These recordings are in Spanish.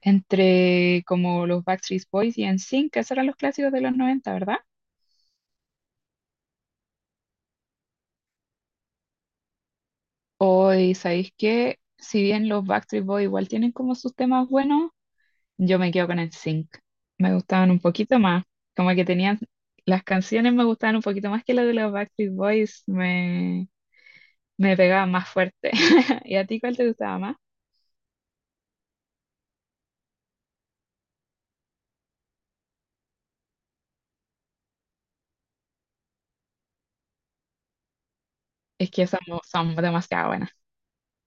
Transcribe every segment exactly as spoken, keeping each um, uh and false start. Entre como los Backstreet Boys y N SYNC, que esos eran los clásicos de los noventa, ¿verdad? Hoy, ¿sabéis qué? Si bien los Backstreet Boys igual tienen como sus temas buenos, yo me quedo con N SYNC. Me gustaban un poquito más, como que tenían, las canciones me gustaban un poquito más que las de los Backstreet Boys, me, me pegaban más fuerte. ¿Y a ti cuál te gustaba más? Es que esas mo- son demasiado buenas.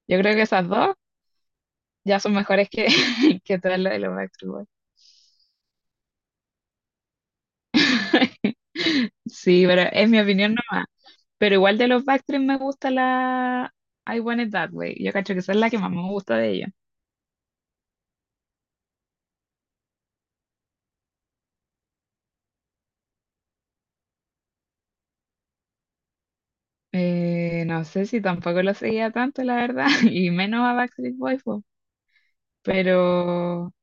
Yo creo que esas dos ya son mejores que, que todas las de los Backstreet Boys. Sí, pero es mi opinión nomás. Pero igual de los Backstreet me gusta la I Want It That Way. Yo cacho que esa es la que más me gusta de ellos. Eh, no sé si tampoco lo seguía tanto, la verdad, y menos a Backstreet Boys, po. Pero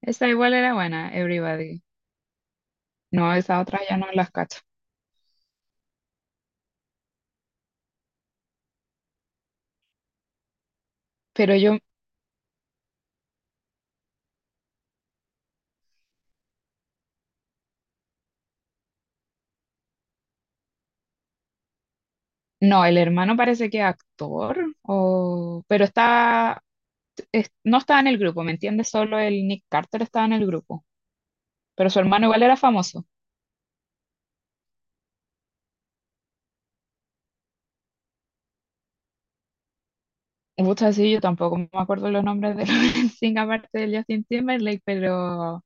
esa igual era buena, Everybody. No, esa otra ya no las cacho. Pero yo, no, el hermano parece que es actor, o, pero está, es- no estaba en el grupo, ¿me entiendes? Solo el Nick Carter estaba en el grupo, pero su hermano igual era famoso. Gusta decir yo tampoco me acuerdo los nombres de los Sting aparte de Justin Timberlake, pero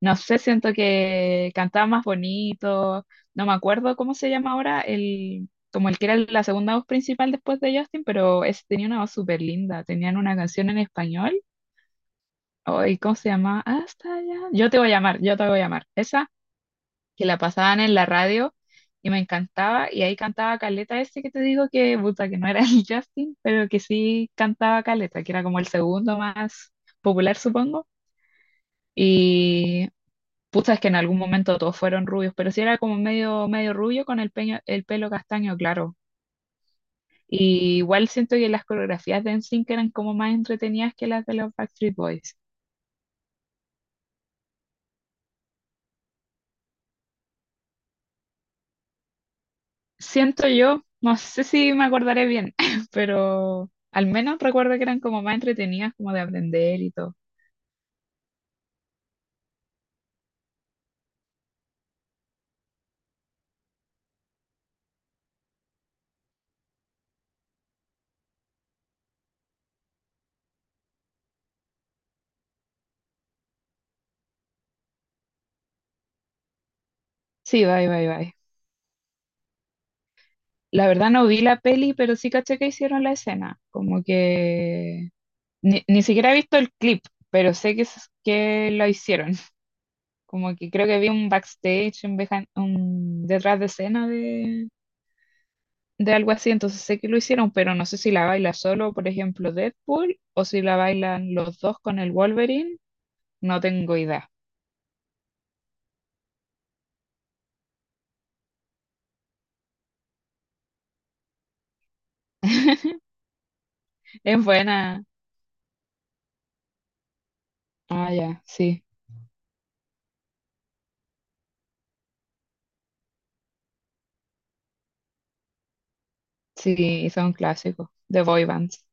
no sé, siento que cantaba más bonito, no me acuerdo cómo se llama ahora, el, como el que era la segunda voz principal después de Justin, pero ese tenía una voz súper linda, tenían una canción en español, ay, ¿cómo se llama? Hasta allá, yo te voy a llamar, yo te voy a llamar, esa que la pasaban en la radio y me encantaba. Y ahí cantaba Caleta ese que te digo que, puta, que no era el Justin, pero que sí cantaba Caleta, que era como el segundo más popular, supongo. Y puta, es que en algún momento todos fueron rubios, pero sí era como medio, medio rubio con el, peño- el pelo castaño, claro. Y igual siento que las coreografías de N SYNC eran como más entretenidas que las de los Backstreet Boys. Siento yo, no sé si me acordaré bien, pero al menos recuerdo que eran como más entretenidas, como de aprender y todo. Sí, bye, bye, bye. La verdad no vi la peli, pero sí caché que hicieron la escena. Como que ni, ni siquiera he visto el clip, pero sé que, s- que lo hicieron. Como que creo que vi un backstage, un, behind- un detrás de escena de, de algo así, entonces sé que lo hicieron, pero no sé si la baila solo, por ejemplo, Deadpool, o si la bailan los dos con el Wolverine, no tengo idea. Es buena. Ah, ya, sí. Sí, son clásicos de boy bands.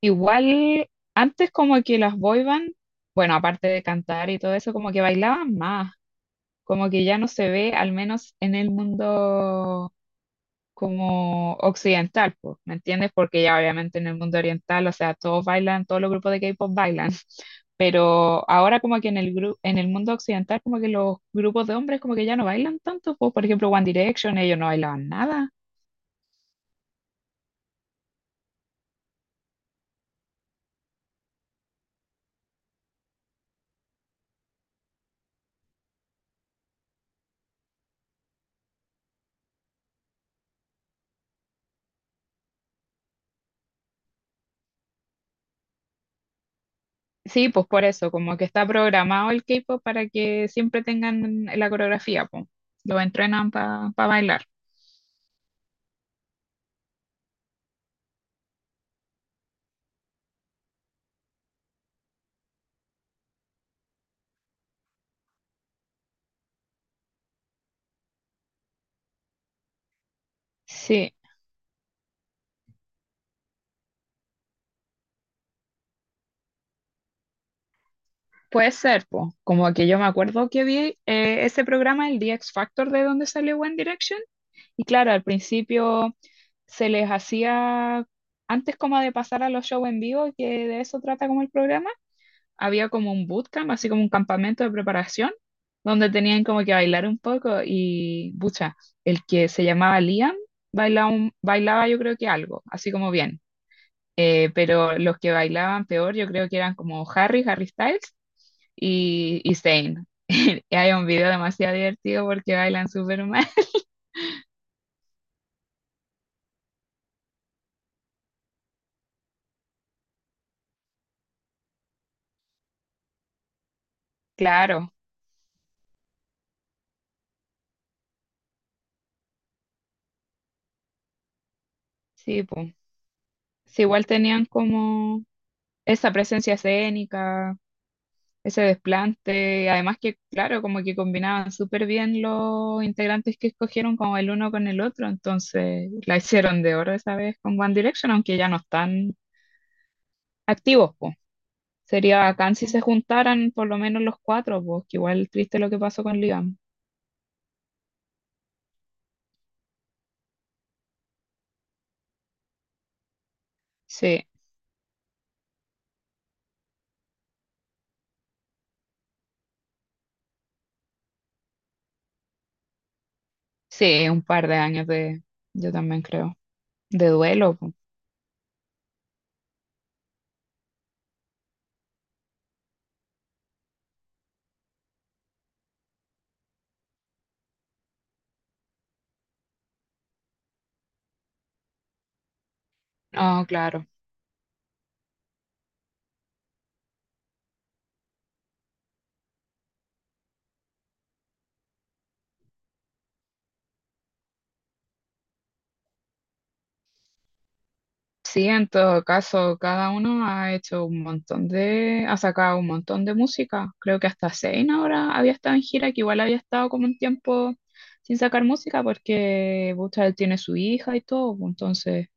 Igual, antes como que las boy bands, bueno, aparte de cantar y todo eso, como que bailaban más. Como que ya no se ve, al menos en el mundo como occidental, pues, ¿me entiendes? Porque ya obviamente en el mundo oriental, o sea, todos bailan, todos los grupos de K-pop bailan. Pero ahora como que en el gru- en el mundo occidental como que los grupos de hombres como que ya no bailan tanto, pues por ejemplo One Direction, ellos no bailaban nada. Sí, pues por eso, como que está programado el K-pop para que siempre tengan la coreografía, pues. Lo entrenan para bailar. Sí, puede ser, pues. Como que yo me acuerdo que vi eh, ese programa, el The X Factor, de donde salió One Direction. Y claro, al principio se les hacía, antes como de pasar a los shows en vivo, que de eso trata como el programa. Había como un bootcamp, así como un campamento de preparación, donde tenían como que bailar un poco y, bucha, el que se llamaba Liam bailaba, un- bailaba yo creo que algo, así como bien. Eh, pero los que bailaban peor yo creo que eran como Harry, Harry Styles y, y Zayn. Y hay un video demasiado divertido porque bailan súper mal. Claro, sí, pues. Sí, igual tenían como esa presencia escénica, ese desplante. Además que, claro, como que combinaban súper bien los integrantes que escogieron como el uno con el otro, entonces la hicieron de oro esa vez con One Direction, aunque ya no están activos, pues. Sería bacán si se juntaran por lo menos los cuatro, pues, que igual triste lo que pasó con Liam. Sí, sí, un par de años de, yo también creo, de duelo, pues. No, claro. Sí, en todo caso, cada uno ha hecho un montón de, ha sacado un montón de música. Creo que hasta Zayn ahora había estado en gira, que igual había estado como un tiempo sin sacar música porque Busta él tiene su hija y todo, pues, entonces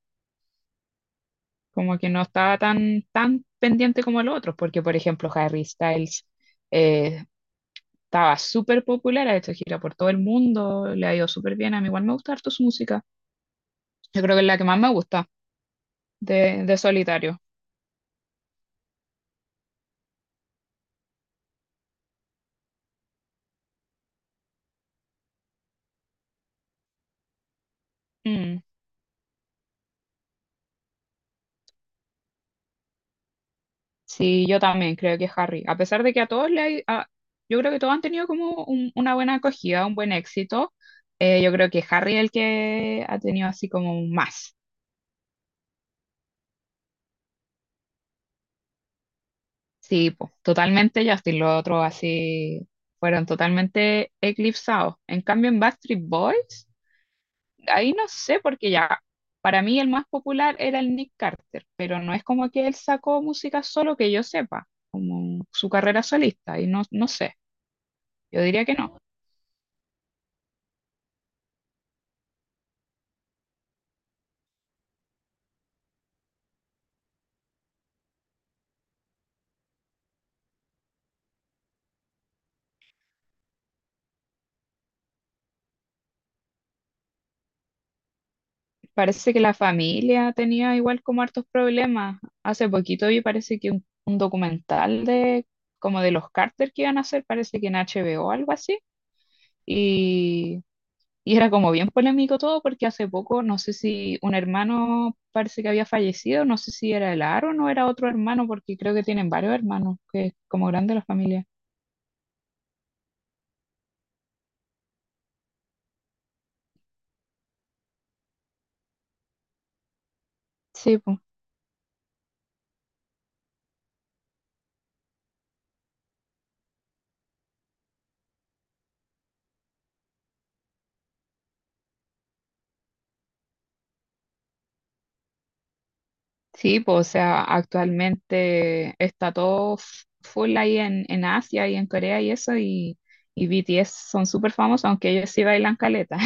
como que no estaba tan, tan pendiente como los otros, porque por ejemplo Harry Styles eh, estaba súper popular, ha hecho gira por todo el mundo, le ha ido súper bien, a mí igual me gusta harto su música. Yo creo que es la que más me gusta de, de Solitario. Mm. Sí, yo también creo que Harry, a pesar de que a todos le hay, a- yo creo que todos han tenido como un- una buena acogida, un buen éxito, eh, yo creo que Harry es el que ha tenido así como más. Sí, po, totalmente Justin, los otros así fueron totalmente eclipsados. En cambio en Backstreet Boys, ahí no sé, porque ya, para mí el más popular era el Nick Carter, pero no es como que él sacó música solo que yo sepa, como su carrera solista, y no, no sé, yo diría que no. Parece que la familia tenía igual como hartos problemas. Hace poquito vi, parece que un, un documental de como de los Carter que iban a hacer, parece que en H HBO o o algo así. Y, y era como bien polémico todo porque hace poco, no sé si un hermano parece que había fallecido, no sé si era el Aaron o era otro hermano, porque creo que tienen varios hermanos, que es como grande la familia. Sí, pues. Sí, pues, o sea, actualmente está todo f- full ahí en, en Asia y en Corea y eso, y, y B T S son súper famosos, aunque ellos sí bailan caleta,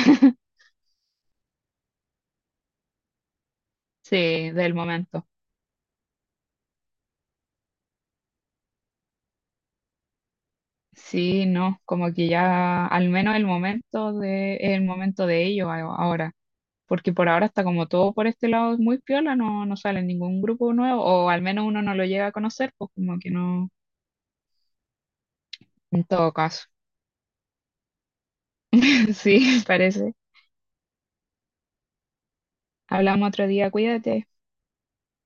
sí, del momento. Sí, no, como que ya, al menos el momento de, el momento de ellos a- ahora, porque por ahora está como todo por este lado es muy piola, no, no sale ningún grupo nuevo, o al menos uno no lo llega a conocer, pues como que no, en todo caso. Sí, parece. Hablamos otro día, cuídate.